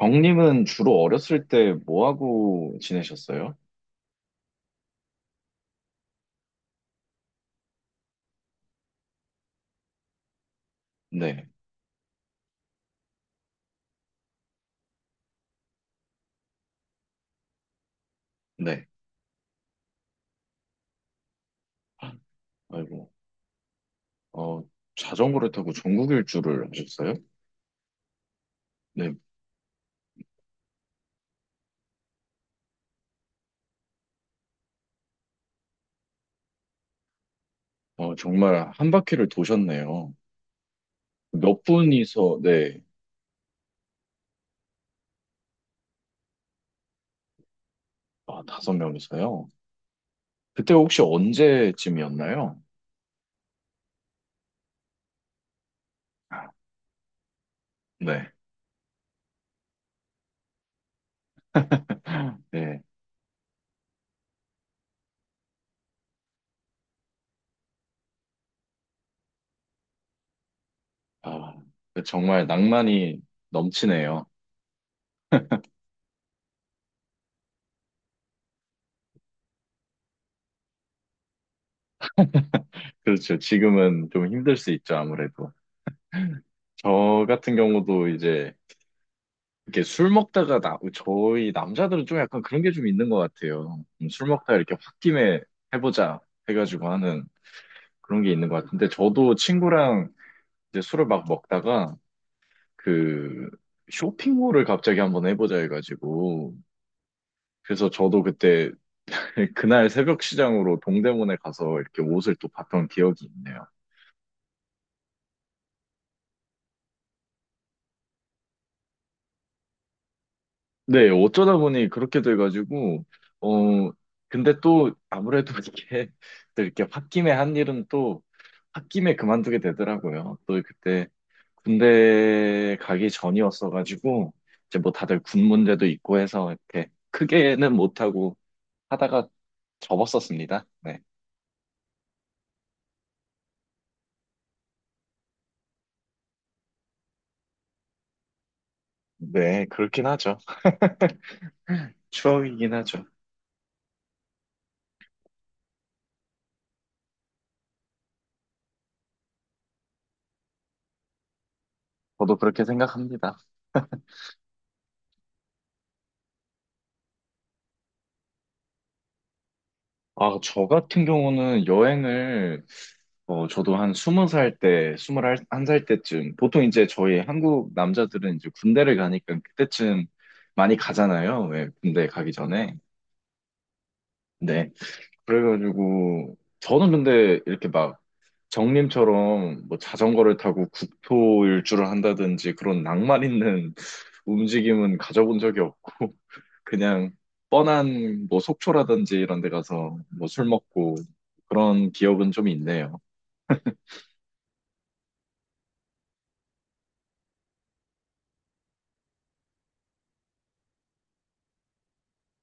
경님은 주로 어렸을 때 뭐 하고 지내셨어요? 네, 네. 아이고, 어, 자전거를 타고 전국 일주를 하셨어요? 네, 정말 한 바퀴를 도셨네요. 몇 분이서, 네, 아, 5명이서요. 그때 혹시 언제쯤이었나요? 아, 네, 네. 아, 정말 낭만이 넘치네요. 그렇죠. 지금은 좀 힘들 수 있죠, 아무래도. 저 같은 경우도 이제 이렇게 술 먹다가 저희 남자들은 좀 약간 그런 게 좀 있는 것 같아요. 술 먹다가 이렇게 홧김에 해보자 해가지고 하는 그런 게 있는 것 같은데 저도 친구랑 이제 술을 막 먹다가 그 쇼핑몰을 갑자기 한번 해보자 해가지고 그래서 저도 그때 그날 새벽 시장으로 동대문에 가서 이렇게 옷을 또 봤던 기억이 있네요. 네, 어쩌다 보니 그렇게 돼가지고 어 근데 또 아무래도 이렇게 또 이렇게 홧김에 한 일은 또 홧김에 그만두게 되더라고요. 또 그때 군대 가기 전이었어가지고 이제 뭐 다들 군 문제도 있고 해서 이렇게 크게는 못하고 하다가 접었었습니다. 네. 네, 그렇긴 하죠. 추억이긴 하죠. 저도 그렇게 생각합니다. 아, 저 같은 경우는 여행을. 저도 한 20살 때, 21살 때쯤, 보통 이제 저희 한국 남자들은 이제 군대를 가니까 그때쯤 많이 가잖아요. 왜 군대 가기 전에. 네. 그래가지고 저는 근데 이렇게 막 정님처럼 뭐 자전거를 타고 국토 일주를 한다든지 그런 낭만 있는 움직임은 가져본 적이 없고 그냥 뻔한 뭐 속초라든지 이런 데 가서 뭐 술 먹고 그런 기억은 좀 있네요.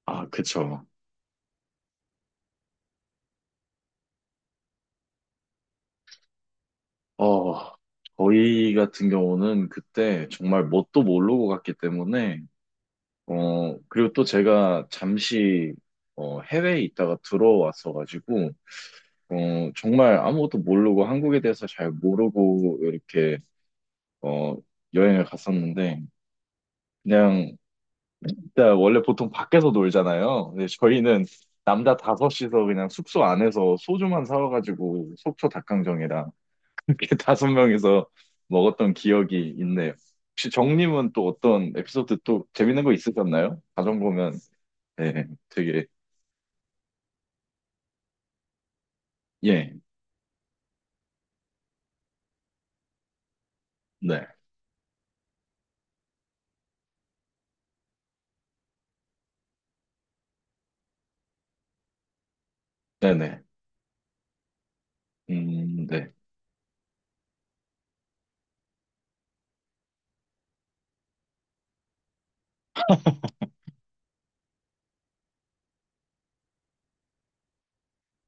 아, 그쵸. 어, 저희 같은 경우는 그때 정말 뭣도 모르고 갔기 때문에 그리고 또 제가 잠시 해외에 있다가 들어왔어가지고 어, 정말 아무것도 모르고 한국에 대해서 잘 모르고 이렇게 어, 여행을 갔었는데 그냥 일단 원래 보통 밖에서 놀잖아요. 근데 저희는 남자 5이서 그냥 숙소 안에서 소주만 사와가지고 속초 닭강정이랑 이렇게 5명이서 먹었던 기억이 있네요. 혹시 정님은 또 어떤 에피소드 또 재밌는 거 있으셨나요? 가정 보면 네, 되게 예, 네, 네네, 네,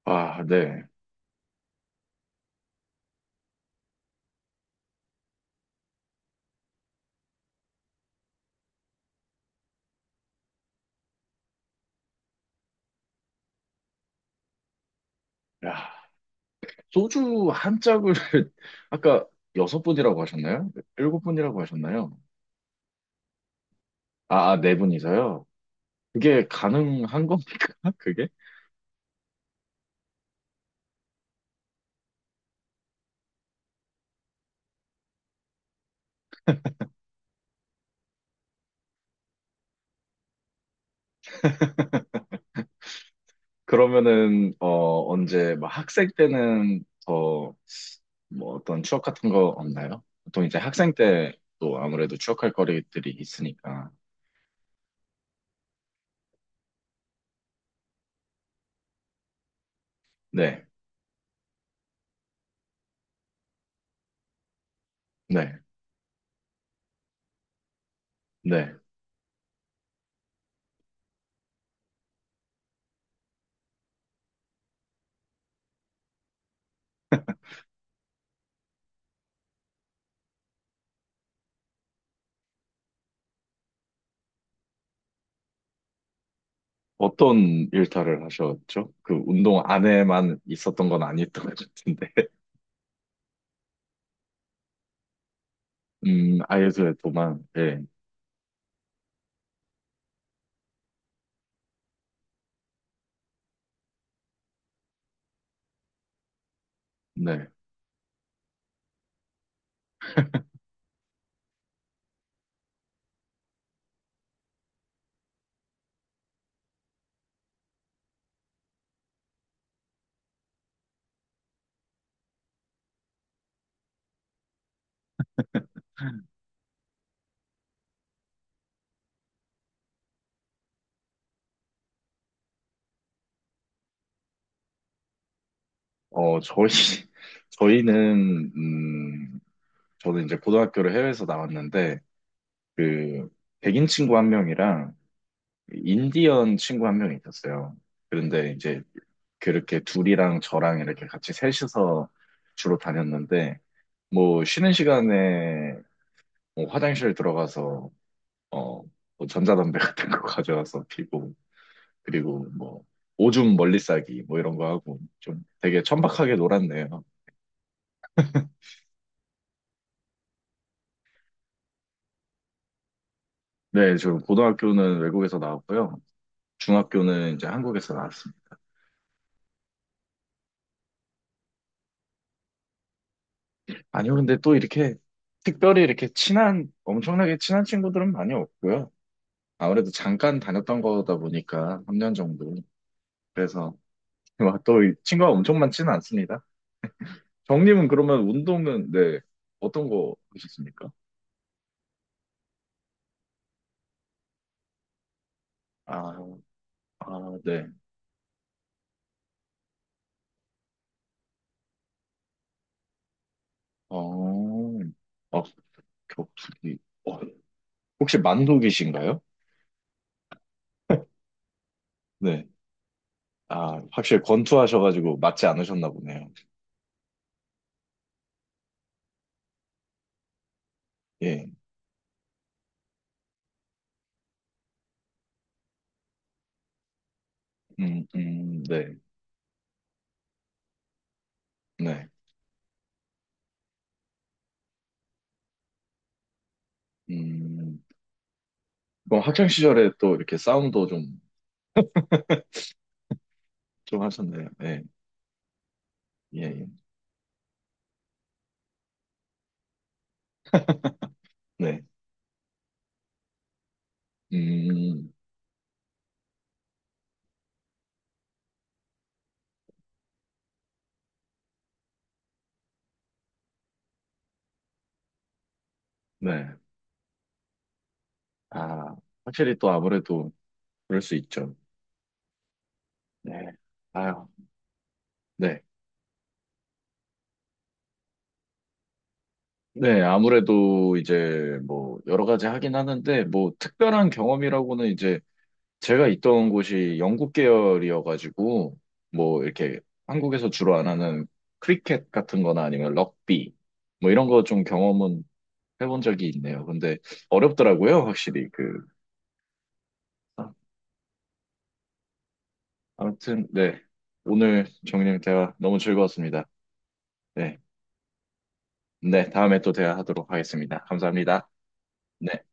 아, 네, 야. 소주 한 짝을 아까 여섯 분이라고 하셨나요? 일곱 분이라고 하셨나요? 아, 아, 4분이서요. 그게 가능한 겁니까? 그게? 그러면은 언제 막 학생 때는 더 뭐 어떤 추억 같은 거 없나요? 보통 이제 학생 때 또 아무래도 추억할 거리들이 있으니까. 네, 네, 네. 어떤 일탈을 하셨죠? 그 운동 안에만 있었던 건 아니었던 것 같은데. 아이소에도만 네 네. 어, 저희, 저희는, 저는 이제 고등학교를 해외에서 나왔는데, 그, 백인 친구 1명이랑 인디언 친구 1명이 있었어요. 그런데 이제 그렇게 둘이랑 저랑 이렇게 같이 셋이서 주로 다녔는데, 뭐, 쉬는 시간에 뭐 화장실 들어가서, 어, 뭐 전자담배 같은 거 가져와서 피고, 그리고 뭐, 오줌 멀리 싸기, 뭐 이런 거 하고, 좀 되게 천박하게 놀았네요. 네, 저 고등학교는 외국에서 나왔고요. 중학교는 이제 한국에서 나왔습니다. 아니요, 근데 또 이렇게 특별히 이렇게 친한, 엄청나게 친한 친구들은 많이 없고요. 아무래도 잠깐 다녔던 거다 보니까 3년 정도. 그래서 또 이 친구가 엄청 많지는 않습니다. 정님은 그러면 운동은, 네, 어떤 거 하셨습니까? 아, 아, 네. 어, 어, 격투기. 어, 혹시 만두기신가요? 네. 아, 확실히 권투하셔가지고 맞지 않으셨나 보네요. 예. 네, 네. 음, 그럼 학창 시절에 또 이렇게 싸움도 좀, 좀 하셨네요. 네, 예, 예. 네. 음, 네. 아, 확실히 또 아무래도 그럴 수 있죠. 네. 아유, 네. 네, 아무래도 이제 뭐 여러 가지 하긴 하는데 뭐 특별한 경험이라고는 이제 제가 있던 곳이 영국 계열이어가지고 뭐 이렇게 한국에서 주로 안 하는 크리켓 같은 거나 아니면 럭비 뭐 이런 거 좀 경험은 해본 적이 있네요. 근데 어렵더라고요, 확실히. 아, 아무튼, 네. 오늘 정인님 대화 너무 즐거웠습니다. 네. 네, 다음에 또 대화하도록 하겠습니다. 감사합니다. 네.